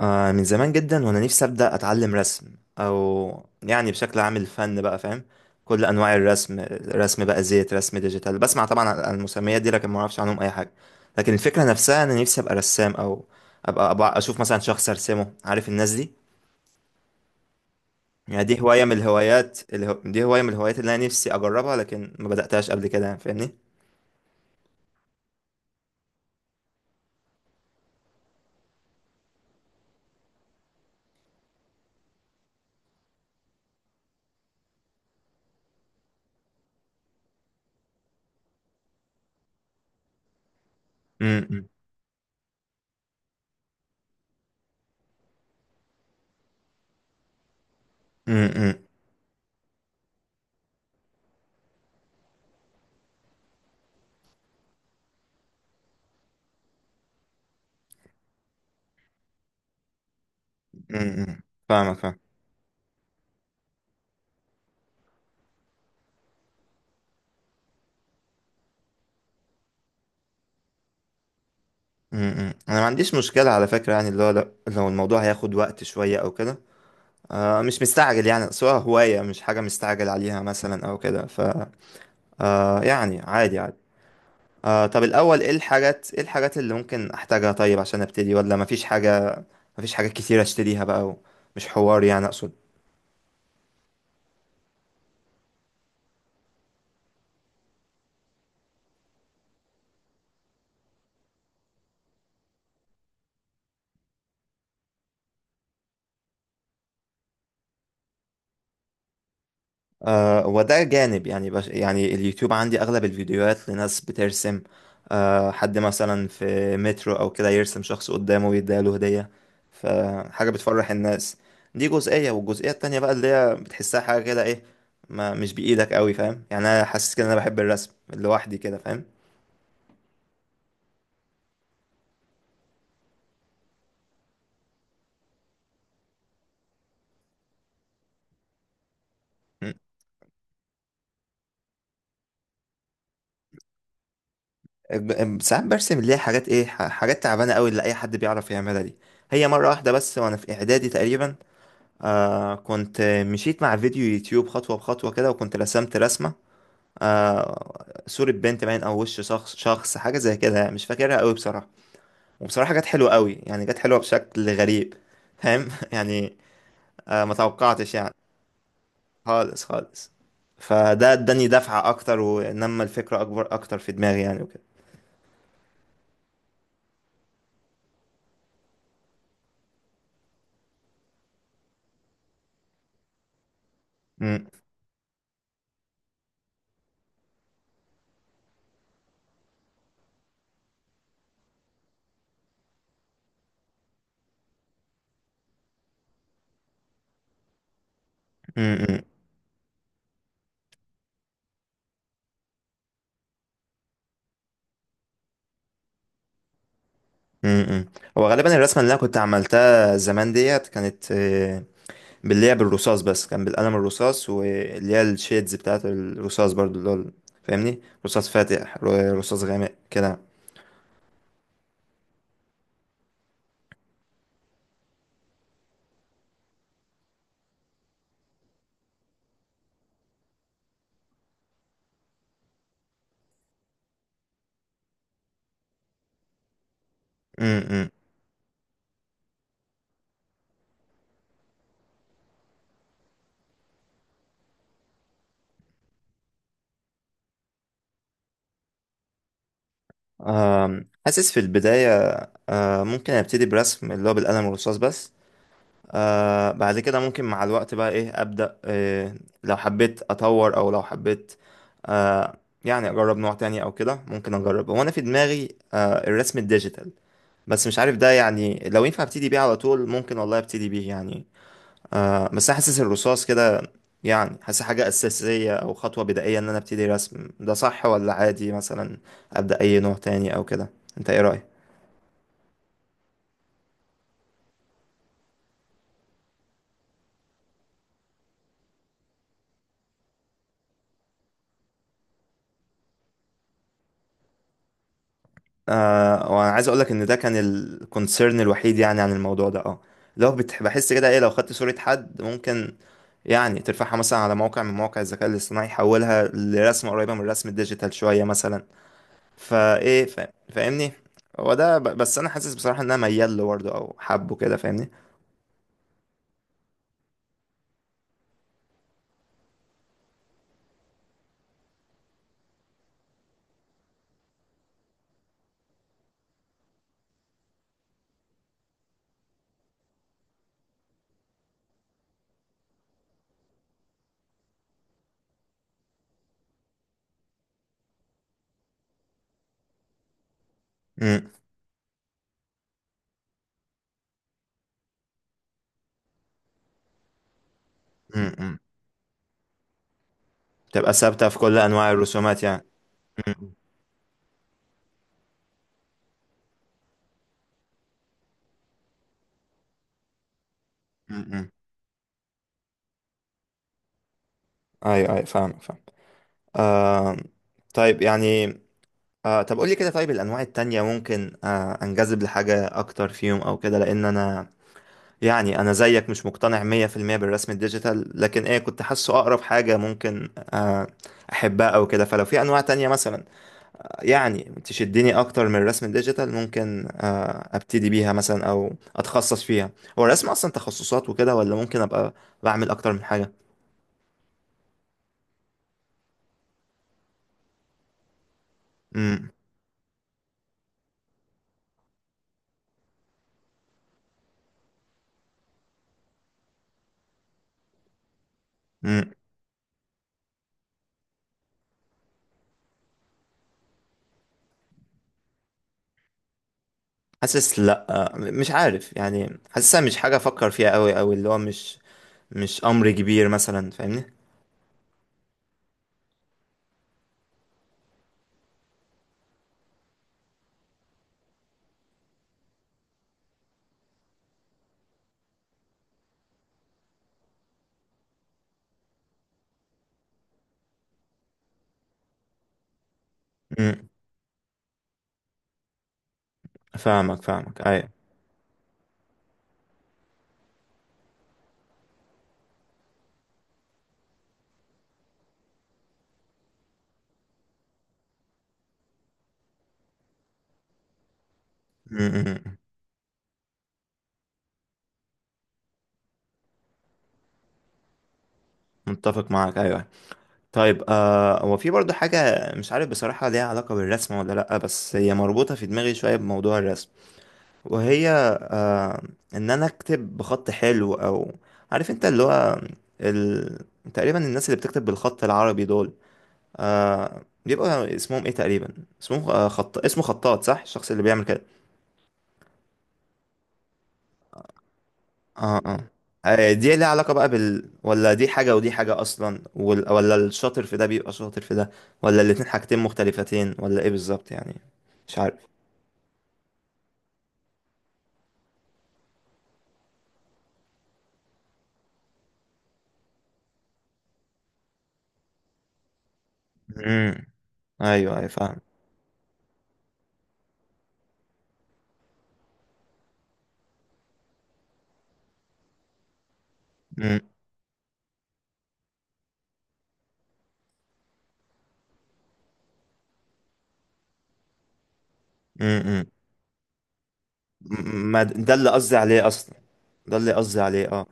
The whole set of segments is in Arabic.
آه، من زمان جدا وانا نفسي ابدا اتعلم رسم، او يعني بشكل عام الفن بقى فاهم كل انواع الرسم. رسم بقى زيت، رسم ديجيتال، بسمع طبعا عن المسميات دي لكن ما اعرفش عنهم اي حاجه. لكن الفكره نفسها انا نفسي ابقى رسام، او أبقى اشوف مثلا شخص ارسمه، عارف الناس دي. يعني دي هوايه من الهوايات اللي انا نفسي اجربها، لكن ما بداتهاش قبل كده، يعني فاهمني؟ امم، امم، امم. فاهمك فاهم. انا ما عنديش مشكله على فكره، يعني اللي هو لو الموضوع هياخد وقت شويه او كده. آه، مش مستعجل يعني، سواء هواية مش حاجة مستعجل عليها مثلا أو كده ف. آه، يعني عادي عادي. آه، طب الأول إيه الحاجات اللي ممكن أحتاجها، طيب عشان أبتدي، ولا مفيش حاجة؟ مفيش حاجات كتير أشتريها بقى، مش حوار يعني، أقصد. آه، وده جانب، يعني يعني اليوتيوب عندي أغلب الفيديوهات لناس بترسم. حد مثلا في مترو أو كده يرسم شخص قدامه ويديله هدية، فحاجة بتفرح الناس. دي جزئية، والجزئية التانية بقى اللي هي بتحسها حاجة كده إيه، ما مش بإيدك قوي، فاهم؟ يعني أنا حاسس كده إن أنا بحب الرسم لوحدي كده، فاهم. م. ساعات برسم، اللي هي حاجات إيه، حاجات تعبانة قوي اللي أي حد بيعرف يعملها دي. هي مرة واحدة بس، وأنا في إعدادي تقريبا. كنت مشيت مع فيديو يوتيوب خطوة بخطوة كده وكنت رسمت رسمة. صورة بنت، باين، أو وش شخص، حاجة زي كده، يعني مش فاكرها قوي بصراحة. وبصراحة جت حلوة قوي، يعني جت حلوة بشكل غريب. فاهم، يعني. آه، ما توقعتش يعني. خالص خالص. فده اداني دفعة أكتر ونمى الفكرة أكبر أكتر في دماغي يعني، وكده. مم، مم، مم، مم، مم. هو غالبا الرسمة اللي أنا كنت عملتها زمان ديت كانت، باللعب الرصاص بس، كان بالقلم الرصاص، واللي هي الشيدز بتاعت الرصاص برضو، اللي هو فاهمني، رصاص فاتح، رصاص غامق كده. امم. حاسس في البداية، ممكن ابتدي برسم اللي هو بالقلم الرصاص بس، بعد كده ممكن مع الوقت بقى ايه ابدأ، لو حبيت اطور او لو حبيت، آه، يعني اجرب نوع تاني او كده، ممكن اجرب، هو انا في دماغي الرسم الديجيتال. بس مش عارف ده، يعني لو ينفع ابتدي بيه على طول ممكن، والله ابتدي بيه يعني. بس أنا حاسس الرصاص كده، يعني حاسس حاجة أساسية أو خطوة بدائية إن أنا أبتدي رسم، ده صح ولا عادي مثلا أبدأ أي نوع تاني أو كده؟ أنت إيه رأيك؟ آه، وأنا عايز أقولك إن ده كان الكونسيرن الوحيد، يعني عن الموضوع ده، أه. لو بحس كده إيه، لو خدت صورة حد، ممكن يعني ترفعها مثلا على موقع من مواقع الذكاء الاصطناعي، يحولها لرسمة قريبة من الرسم الديجيتال شوية مثلا. فايه، فاهمني. هو ده بس انا حاسس بصراحة ان انا ميال له برضه او حبه كده، فاهمني. امم. تبقى ثابتة في كل أنواع الرسومات يعني. م- م- م. أيوه، أيوه، فاهم، فاهم. آه طيب يعني، طب قولي كده، طيب الأنواع التانية ممكن أنجذب لحاجة أكتر فيهم أو كده، لأن أنا يعني، أنا زيك مش مقتنع 100% بالرسم الديجيتال، لكن إيه، كنت حاسه أقرب حاجة ممكن أحبها أو كده، فلو في أنواع تانية مثلا يعني تشدني أكتر من الرسم الديجيتال، ممكن أبتدي بيها مثلا، أو أتخصص فيها. هو الرسم أصلا تخصصات وكده، ولا ممكن أبقى بعمل أكتر من حاجة؟ امم، امم. حاسس، لا مش عارف يعني، حاسسها مش حاجه افكر فيها قوي، او اللي هو مش امر كبير مثلا، فاهمني. امم. فاهمك، فاهمك، ايوه. امم، أمم. متفق معاك، ايوه. طيب، هو في برضو حاجه، مش عارف بصراحه ليها علاقه بالرسم ولا لا، بس هي مربوطه في دماغي شويه بموضوع الرسم، وهي آه ان انا اكتب بخط حلو، او عارف انت، اللي هو ال... تقريبا الناس اللي بتكتب بالخط العربي دول، بيبقى اسمهم ايه تقريبا، اسمهم خط اسمه خطاط، صح؟ الشخص اللي بيعمل كده. اه، اه. دي ليها علاقة بقى بال، ولا دي حاجة ودي حاجة أصلا، ولا الشاطر في ده بيبقى شاطر في ده، ولا الاتنين حاجتين مختلفتين، ولا إيه بالظبط يعني؟ مش عارف. امم. أيوه، أيوه، فاهم. امم، امم. ما ده اللي قصدي عليه أصلا، ده اللي قصدي عليه، اه.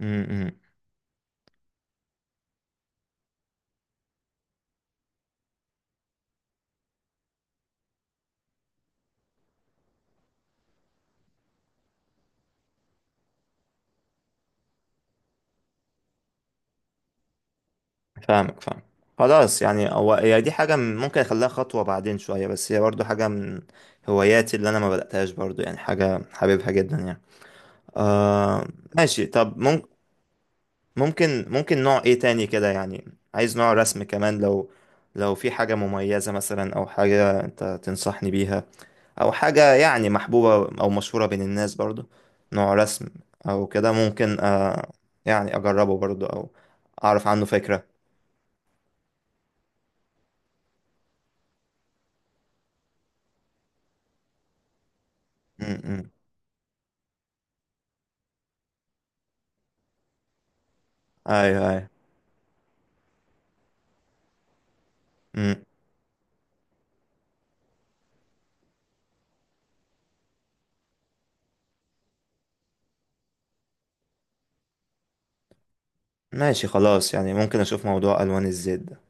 امم. فاهمك فاهم. خلاص يعني، هو هي دي حاجة ممكن أخليها خطوة بعدين شوية، بس هي برضو حاجة من هواياتي اللي أنا ما بدأتهاش برضو، يعني حاجة حاببها جدا يعني. آه. ماشي، طب ممكن نوع إيه تاني كده، يعني عايز نوع رسم كمان، لو في حاجة مميزة مثلا أو حاجة أنت تنصحني بيها، أو حاجة يعني محبوبة أو مشهورة بين الناس برضو، نوع رسم أو كده، ممكن يعني أجربه برضو، أو أعرف عنه فكرة. م -م. أيوه، أيوه، مم. ماشي، خلاص يعني، ممكن اشوف موضوع الوان الزيت ده.